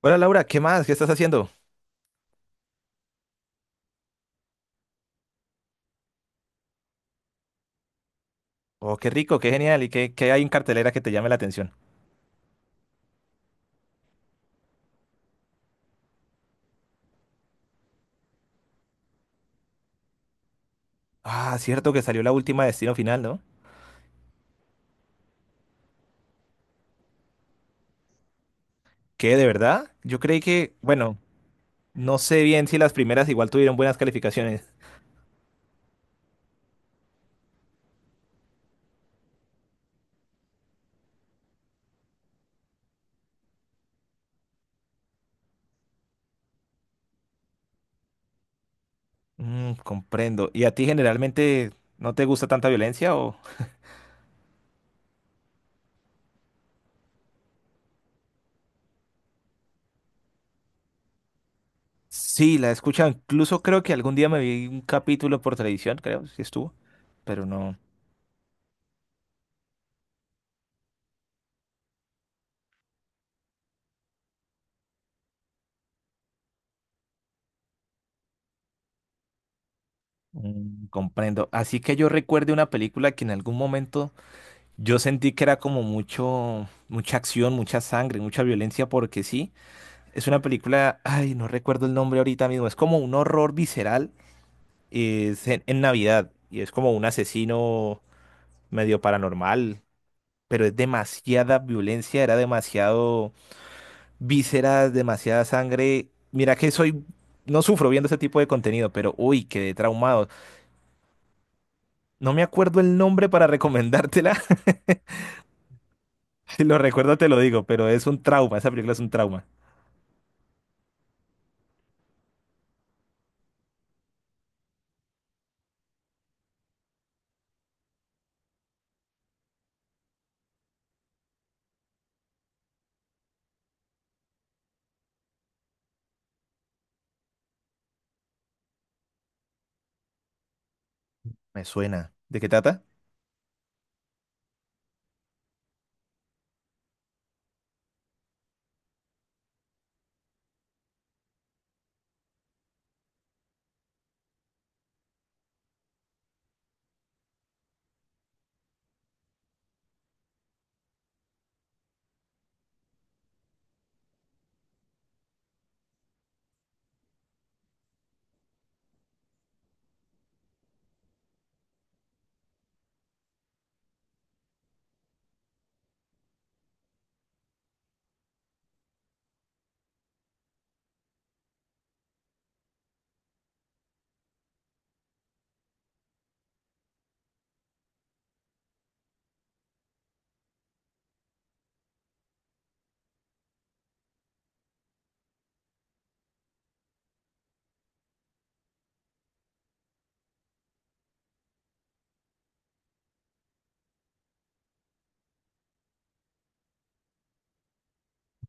Hola Laura, ¿qué más? ¿Qué estás haciendo? Oh, qué rico, qué genial. ¿Y qué hay en cartelera que te llame la atención? Ah, cierto que salió la última Destino Final, ¿no? ¿Qué, de verdad? Yo creí que, bueno, no sé bien si las primeras igual tuvieron buenas calificaciones. Mm, comprendo. ¿Y a ti generalmente no te gusta tanta violencia o...? Sí, la he escuchado. Incluso creo que algún día me vi un capítulo por televisión, creo, si estuvo. Pero no... Mm, comprendo. Así que yo recuerde una película que en algún momento... Yo sentí que era como mucho, mucha acción, mucha sangre, mucha violencia, porque sí, es una película, ay, no recuerdo el nombre ahorita mismo, es como un horror visceral, es en Navidad, y es como un asesino medio paranormal, pero es demasiada violencia, era demasiado vísceras, demasiada sangre. Mira que soy, no sufro viendo ese tipo de contenido, pero uy, quedé traumado. No me acuerdo el nombre para recomendártela, si lo recuerdo te lo digo, pero es un trauma, esa película es un trauma. Me suena. ¿De qué trata?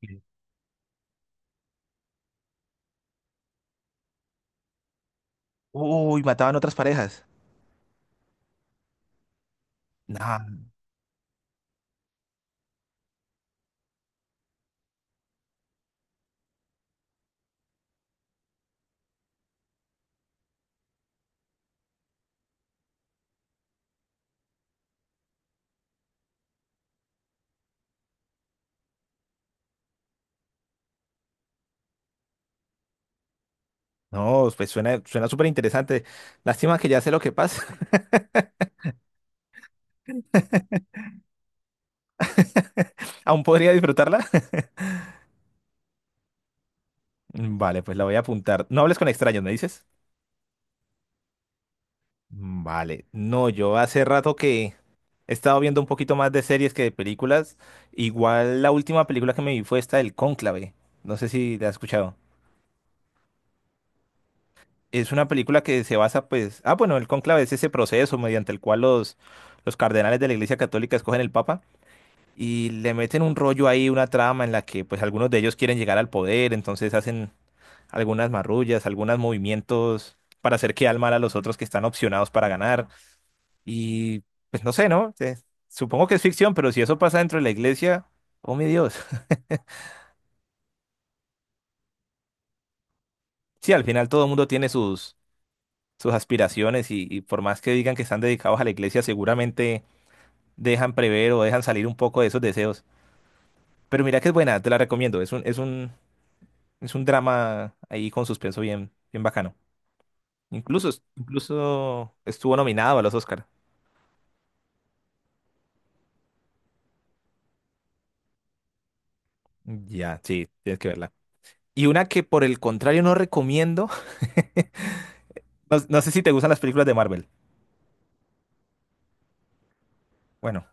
Sí. Uy, mataban otras parejas. Nah, no, pues suena, suena súper interesante. Lástima que ya sé lo que pasa. ¿Aún podría disfrutarla? Vale, pues la voy a apuntar. No hables con extraños, ¿me dices? Mm, vale. No, yo hace rato que he estado viendo un poquito más de series que de películas. Igual la última película que me vi fue esta del Cónclave. No sé si la has escuchado. Es una película que se basa, pues. Ah, bueno, el Cónclave es ese proceso mediante el cual los cardenales de la Iglesia Católica escogen el Papa. Y le meten un rollo ahí, una trama en la que pues algunos de ellos quieren llegar al poder, entonces hacen algunas marrullas, algunos movimientos para hacer quedar mal a los otros que están opcionados para ganar. Y pues no sé, ¿no? Supongo que es ficción, pero si eso pasa dentro de la iglesia, oh mi Dios. Sí, al final todo el mundo tiene sus, sus aspiraciones y por más que digan que están dedicados a la iglesia, seguramente dejan prever o dejan salir un poco de esos deseos. Pero mira que es buena, te la recomiendo. Es es un drama ahí con suspenso bien, bien bacano. Incluso, incluso estuvo nominado a los Oscar. Ya, sí, tienes que verla. Y una que por el contrario no recomiendo. No, no sé si te gustan las películas de Marvel. Bueno,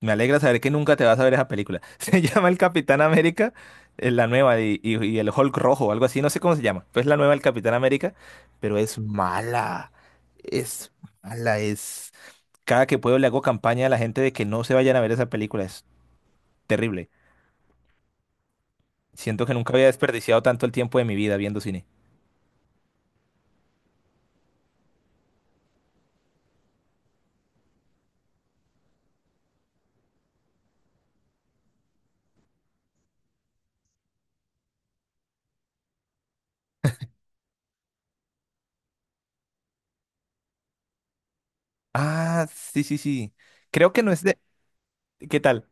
me alegra saber que nunca te vas a ver esa película. Se llama El Capitán América, la nueva, y el Hulk rojo, o algo así, no sé cómo se llama. Pues la nueva del Capitán América, pero es mala. Es mala, es... Cada que puedo le hago campaña a la gente de que no se vayan a ver esa película. Es terrible. Siento que nunca había desperdiciado tanto el tiempo de mi vida viendo cine. Ah, sí, sí, sí. Creo que no es de... ¿Qué tal?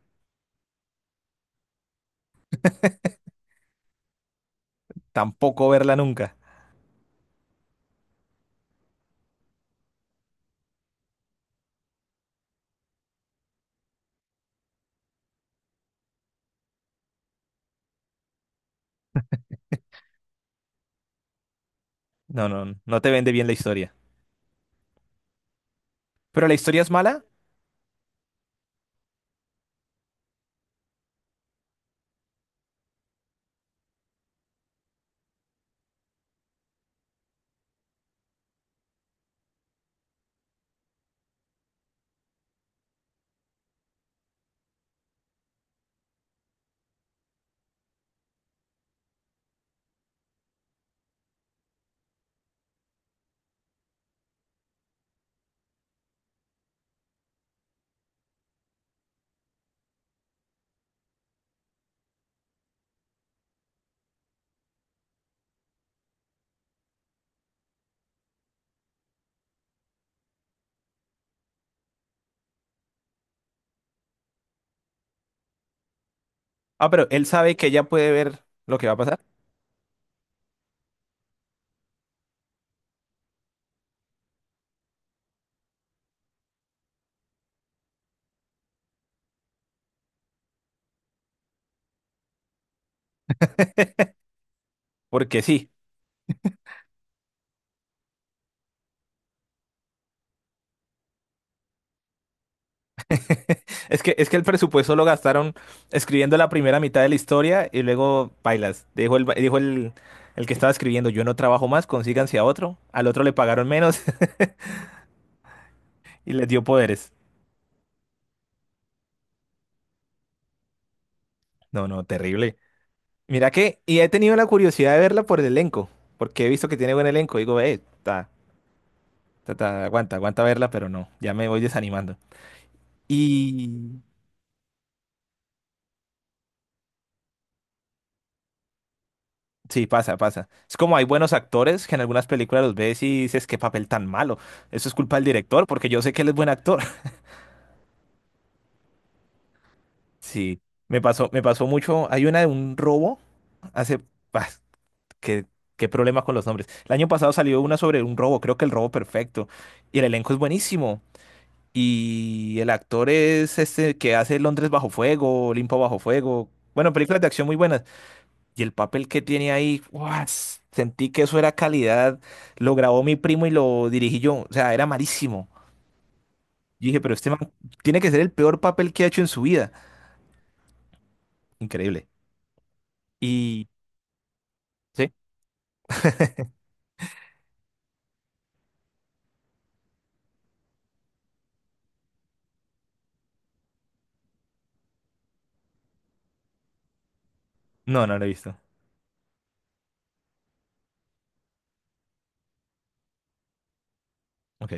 Tampoco verla nunca. No, no no te vende bien la historia. Pero la historia es mala. Ah, pero él sabe que ella puede ver lo que va a pasar. Porque sí. Es que el presupuesto lo gastaron escribiendo la primera mitad de la historia y luego bailas. Dijo el, ba- dijo El que estaba escribiendo, yo no trabajo más, consíganse a otro. Al otro le pagaron menos y les dio poderes. No, no, terrible. Mira que, y he tenido la curiosidad de verla por el elenco, porque he visto que tiene buen elenco. Digo, está. Ta, aguanta, aguanta verla, pero no, ya me voy desanimando. Y sí, pasa, pasa. Es como hay buenos actores que en algunas películas los ves y dices, qué papel tan malo. Eso es culpa del director, porque yo sé que él es buen actor. Sí, me pasó mucho. Hay una de un robo hace... ah, qué, qué problema con los nombres. El año pasado salió una sobre un robo, creo que el robo perfecto. Y el elenco es buenísimo. Y el actor es este que hace Londres bajo fuego, Olimpo bajo fuego. Bueno, películas de acción muy buenas. Y el papel que tiene ahí, ¡guau! Sentí que eso era calidad. Lo grabó mi primo y lo dirigí yo. O sea, era malísimo. Yo dije, pero este man tiene que ser el peor papel que ha hecho en su vida. Increíble. Y... ¿Sí? No, no lo he visto. Ok.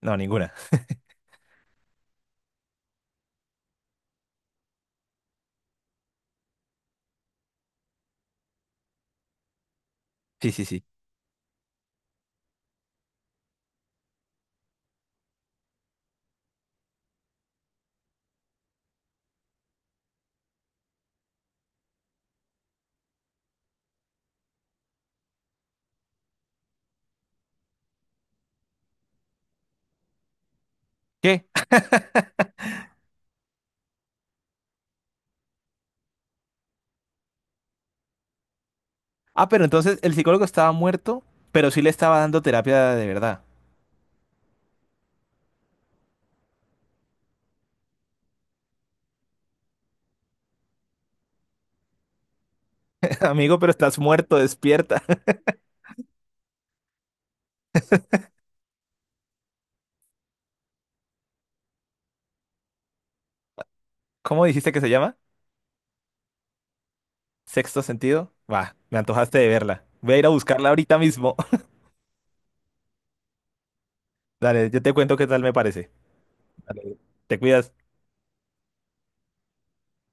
No, ninguna. Sí, sí, sí. ¿Qué? Ah, pero entonces el psicólogo estaba muerto, pero sí le estaba dando terapia de verdad. Amigo, pero estás muerto, despierta. ¿Cómo dijiste que se llama? ¿Sexto sentido? Va, me antojaste de verla. Voy a ir a buscarla ahorita mismo. Dale, yo te cuento qué tal me parece. Dale, te cuidas.